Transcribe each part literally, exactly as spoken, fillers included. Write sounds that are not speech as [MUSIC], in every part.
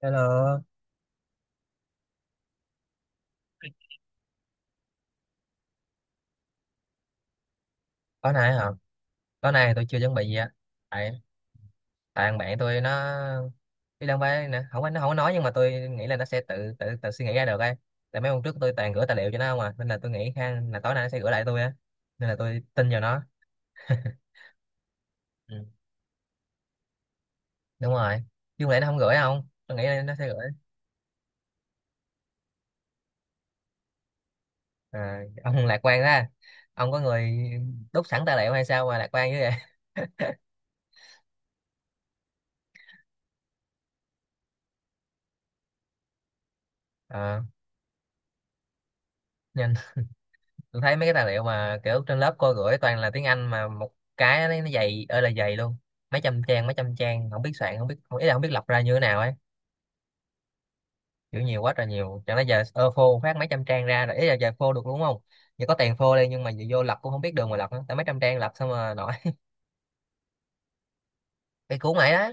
Hello, tối nay hả? Tối nay tôi chưa chuẩn bị gì á. Tại tại thằng bạn tôi nó đi đang phải nè, không có nó không có nói nhưng mà tôi nghĩ là nó sẽ tự tự tự suy nghĩ ra được ấy. Tại mấy hôm trước tôi toàn gửi tài liệu cho nó không à, nên là tôi nghĩ khá là tối nay nó sẽ gửi lại tôi á. Nên là tôi tin vào nó. [LAUGHS] Ừ. Đúng rồi. Nhưng mà nó không gửi không? Tôi nghĩ là nó sẽ gửi. À, ông lạc quan ra. Ông có người đúc sẵn tài liệu hay sao mà lạc quan như vậy? [LAUGHS] Ờ, nhưng tôi thấy mấy cái tài liệu mà kiểu trên lớp cô gửi toàn là tiếng Anh mà một cái nó nó dày ơi là dày luôn, mấy trăm trang mấy trăm trang không biết soạn không biết, không, ý là không biết lọc ra như thế nào ấy, kiểu nhiều quá trời nhiều, chẳng lẽ giờ ơ phô phát mấy trăm trang ra rồi, ý là giờ phô được đúng không, giờ có tiền phô đi nhưng mà giờ vô lọc cũng không biết đường mà lọc nữa, tại mấy trăm trang lọc xong mà nổi. [LAUGHS] Cái cuốn này đó,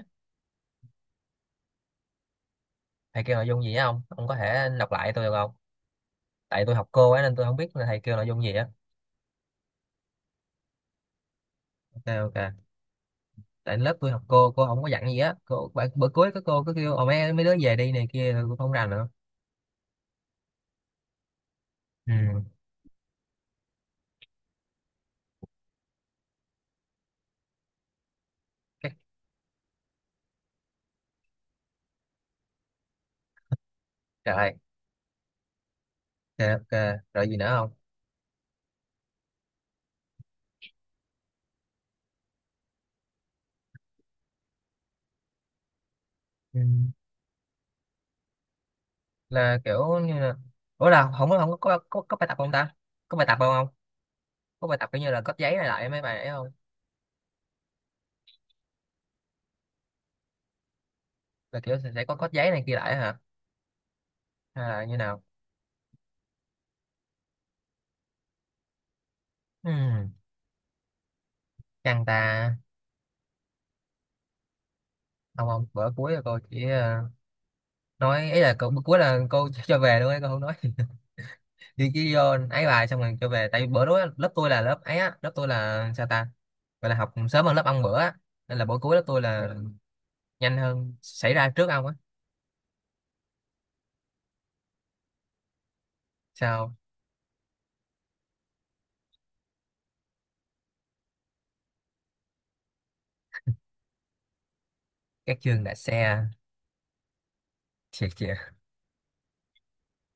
thầy kêu nội dung gì á, không ông có thể đọc lại tôi được không, tại tôi học cô ấy nên tôi không biết là thầy kêu nội dung gì á. Ok ok, tại lớp tôi học cô cô không có dặn gì á, cô bữa, bữa cuối có cô cứ kêu ồ mấy mấy đứa về đi này kia tôi không rành nữa. Ừ. Cái- trời. Dạ, ok rồi gì nữa không. Ừ. Là kiểu như là, ủa là không có không có, có có có bài tập không ta, có bài tập không không, có bài tập kiểu như là cóp giấy này lại mấy bài đấy không, là kiểu sẽ sẽ có cóp giấy này kia lại hả, hay là như nào. Ừ. Căng ta. Không không, bữa cuối là cô chỉ ờ, nói ấy là cô, bữa cuối là cô [LAUGHS] cho về luôn ấy, cô không nói. [LAUGHS] Đi chỉ vô ấy bài xong rồi cho về, tại vì bữa đó lớp tôi là lớp ấy á, lớp tôi là sao ta, gọi là học sớm hơn lớp ông bữa á, nên là bữa cuối lớp tôi là nhanh hơn, xảy ra trước ông á. Sao các chương đạp xe. Thiệt chị ạ.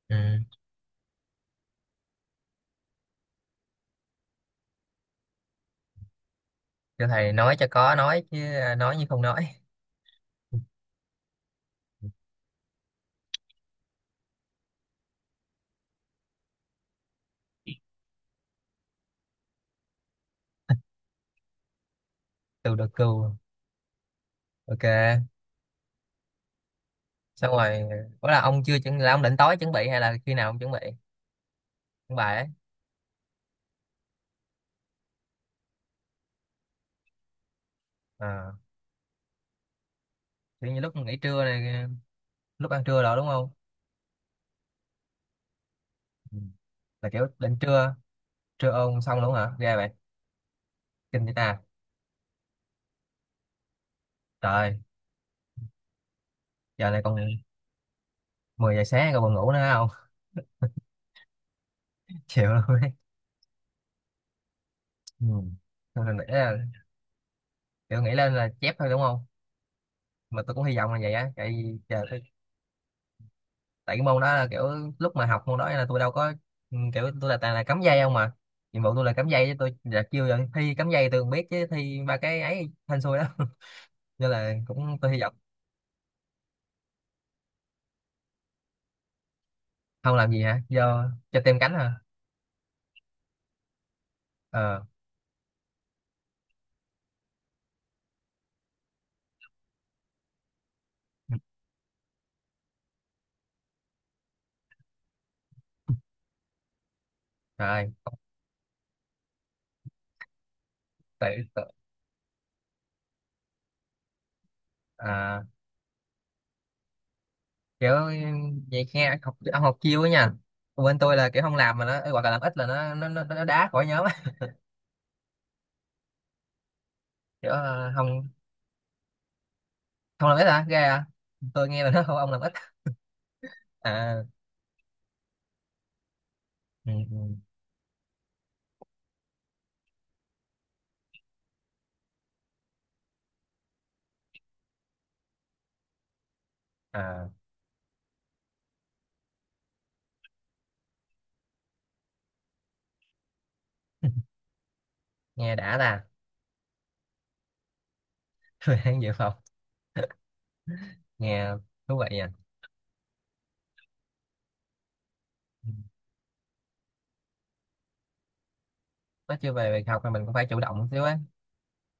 Ừ. Cho thầy nói cho có nói chứ, à, nói như không nói. Từ được cừu. Ok xong rồi, có là ông chưa chuẩn, là ông định tối chuẩn bị hay là khi nào ông chuẩn bị, chuẩn bài ấy. À kiểu như lúc nghỉ trưa này, lúc ăn trưa rồi đúng không. Ừ, là kiểu định trưa, trưa ôn xong luôn hả ra vậy, kinh vậy ta. Trời, giờ này còn mười giờ sáng còn buồn ngủ nữa không. [LAUGHS] Chịu luôn ấy. Ừ. Thôi mình nghĩ là kiểu nghĩ lên là chép thôi đúng không, mà tôi cũng hy vọng là vậy á tại vì giờ, tại cái môn đó là kiểu lúc mà học môn đó là tôi đâu có, ừ, kiểu tôi là toàn là cắm dây không mà, nhiệm vụ tôi là cắm dây chứ tôi là chưa giờ thi cắm dây tôi không biết chứ thi ba cái ấy hên xui đó. [LAUGHS] Nên là cũng tôi hy vọng. Không làm gì hả do cho tem cánh hả. Ờ rồi tự, tự, à, kiểu vậy nghe, học ông học chiêu ấy nha. Còn bên tôi là kiểu không làm mà nó hoặc là làm ít là nó nó nó, nó đá khỏi nhóm á. [LAUGHS] Kiểu ờ, không, không làm ít hả ghê à, tôi nghe là nó không ông làm ít. À, ừ, ừ. À. [LAUGHS] Nghe đã ta. Thời gian dự phòng. Nghe thú vị nha. Ừ. Nói chưa về việc học thì mình cũng phải chủ động một xíu ấy,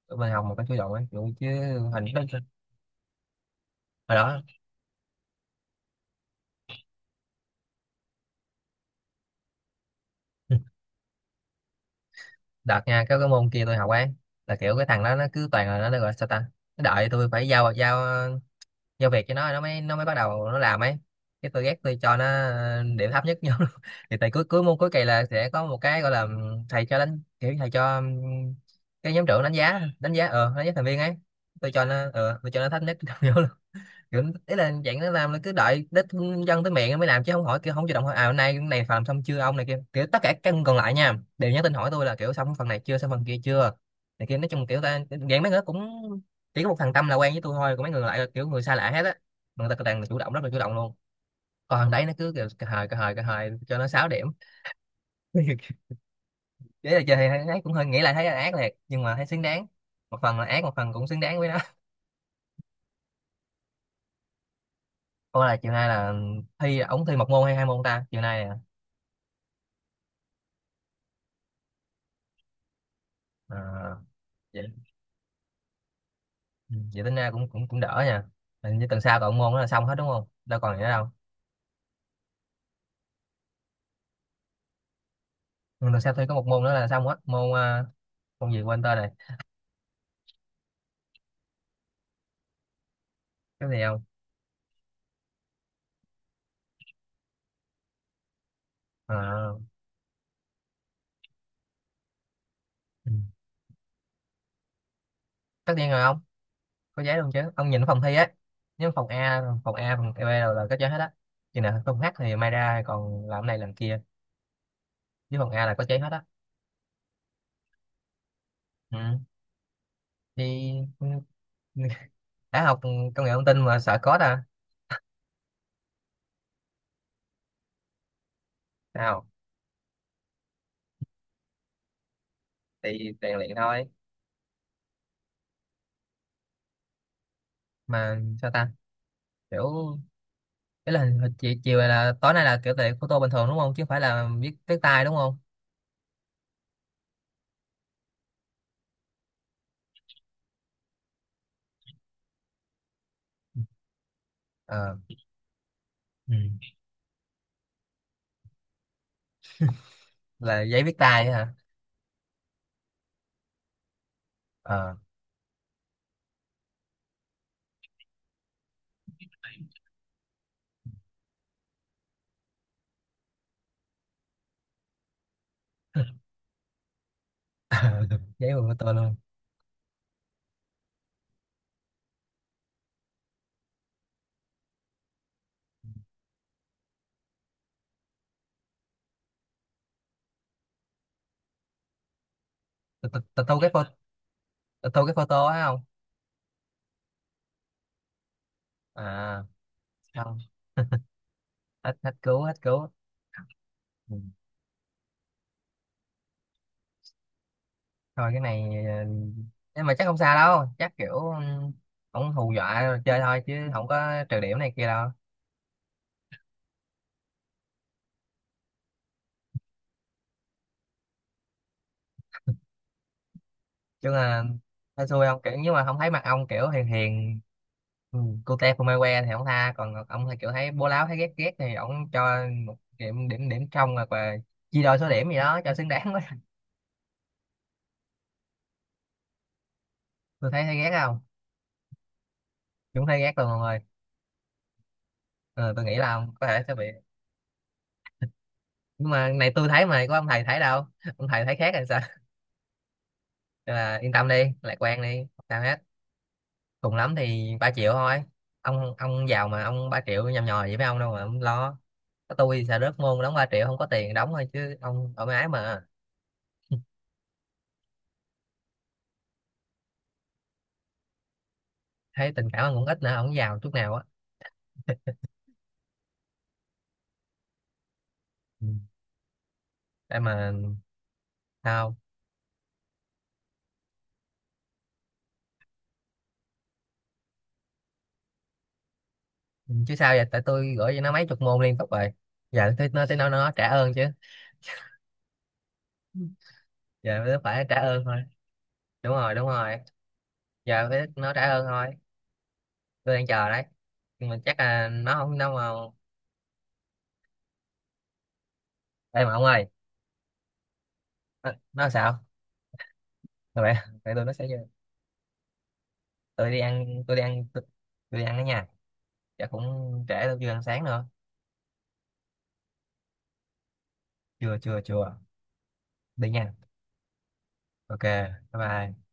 tụi mình học một cái chủ động ấy kiểu chứ. Hình đó. Hồi đó đợt nha cái cái môn kia tôi học ấy, là kiểu cái thằng đó nó cứ toàn là nó, nó gọi sao ta, nó đợi tôi phải giao giao giao việc cho nó, nó mới nó mới bắt đầu nó làm ấy, cái tôi ghét tôi cho nó ờ, điểm thấp nhất nhau. [LAUGHS] Thì tại cuối cuối môn cuối kỳ là sẽ có một cái gọi là thầy cho đánh kiểu thầy cho um, cái nhóm trưởng đánh giá đánh giá ờ đánh giá thành viên ấy, tôi cho nó ờ tôi cho nó thấp nhất. [LAUGHS] Kiểu, ý là dạng nó làm là cứ đợi đến dân tới miệng mới làm chứ không hỏi kiểu không chủ động hỏi, à hôm nay cái này phần làm xong chưa ông này kia, kiểu tất cả các còn lại nha đều nhắn tin hỏi tôi là kiểu xong phần này chưa xong phần kia chưa này kia, nói chung kiểu ta dạng mấy người đó cũng, chỉ có một thằng Tâm là quen với tôi thôi còn mấy người lại là kiểu người xa lạ hết á, mà người ta toàn là chủ động rất là chủ động luôn, còn thằng đấy nó cứ kiểu cà hời cà hời cà hời cho nó sáu điểm. [LAUGHS] Thế là chơi thì ấy cũng hơi nghĩ lại thấy là ác liệt nhưng mà thấy xứng đáng, một phần là ác một phần cũng xứng đáng với nó. [LAUGHS] Ủa là chiều nay là thi ống thi một môn hay hai môn ta chiều nay nè? À, vậy. Ừ, vậy tính ra cũng cũng cũng đỡ nha, hình như tuần sau còn môn đó là xong hết đúng không đâu còn gì nữa đâu. Ừ, tuần sau tôi có một môn nữa là xong hết môn, à, môn gì quên tên này. Cái gì không. À, ừ. Tất nhiên rồi ông, có giấy luôn chứ ông, nhìn phòng thi á, nếu phòng A phòng A phòng E B đều là có giấy hết á, chừng nào phòng H thì may ra còn làm này làm kia, với phòng A là có giấy hết á. Ừ. Thì [LAUGHS] đã học công nghệ thông tin mà sợ code à, sao thì rèn luyện thôi mà sao ta kiểu. Cái là hình, hình chiều, chiều này là tối nay là kiểu tiện photo bình thường đúng không? Chứ không phải là viết viết tay đúng không? Ờ. Ừ. Là giấy viết tay ấy hả? Ờ. [LAUGHS] Giấy mà photo luôn. Tôi tôi- thu cái photo, tôi thu cái photo á không? À không. Hết hết cứu hết cứu. Ừ. Thôi cái này ờ, nhưng mà chắc không sao đâu, chắc kiểu ừ, không hù dọa rồi chơi thôi chứ không có trừ điểm này kia đâu. Chứ là thấy xui không kiểu nhưng mà không thấy mặt ông kiểu hiền hiền, ừ, cute không ai que thì ông tha, còn ông thì kiểu thấy bố láo thấy ghét ghét thì ông cho một điểm điểm điểm trong rồi và chia đôi số điểm gì đó cho xứng đáng quá. [LAUGHS] Tôi thấy thấy ghét không, chúng thấy ghét luôn ông ơi. Ờ, tôi nghĩ là ông có thể sẽ bị, nhưng mà này tôi thấy mà có ông thầy thấy đâu [LAUGHS] ông thầy thấy khác hay sao. Nên là yên tâm đi lạc quan đi không sao hết, cùng lắm thì ba triệu thôi, ông ông giàu mà, ông ba triệu nhầm nhòi vậy với ông đâu mà ông lo, có tôi xà rớt môn đóng ba triệu không có tiền đóng thôi chứ ông ở mái mà. Thấy tình cảm ông cũng ít nữa, ông giàu chút nào á. Ừ. Đây mà. Sao. Ừ, chứ sao vậy, tại tôi gửi cho nó mấy chục môn liên tục rồi giờ tới nó tới nó nó trả ơn chứ, giờ nó phải trả ơn thôi. Đúng rồi đúng rồi, giờ phải nó trả ơn thôi. Tôi đang chờ đấy, nhưng mà chắc là nó không đâu mà. Đây mà ông ơi. nó, nó sao vậy tại tôi nó sẽ. tôi đi ăn tôi đi ăn tôi, tôi đi ăn đó nhà, chắc cũng trễ tôi chưa ăn sáng nữa. Chưa chưa chưa, đi nha. Ok bye bye.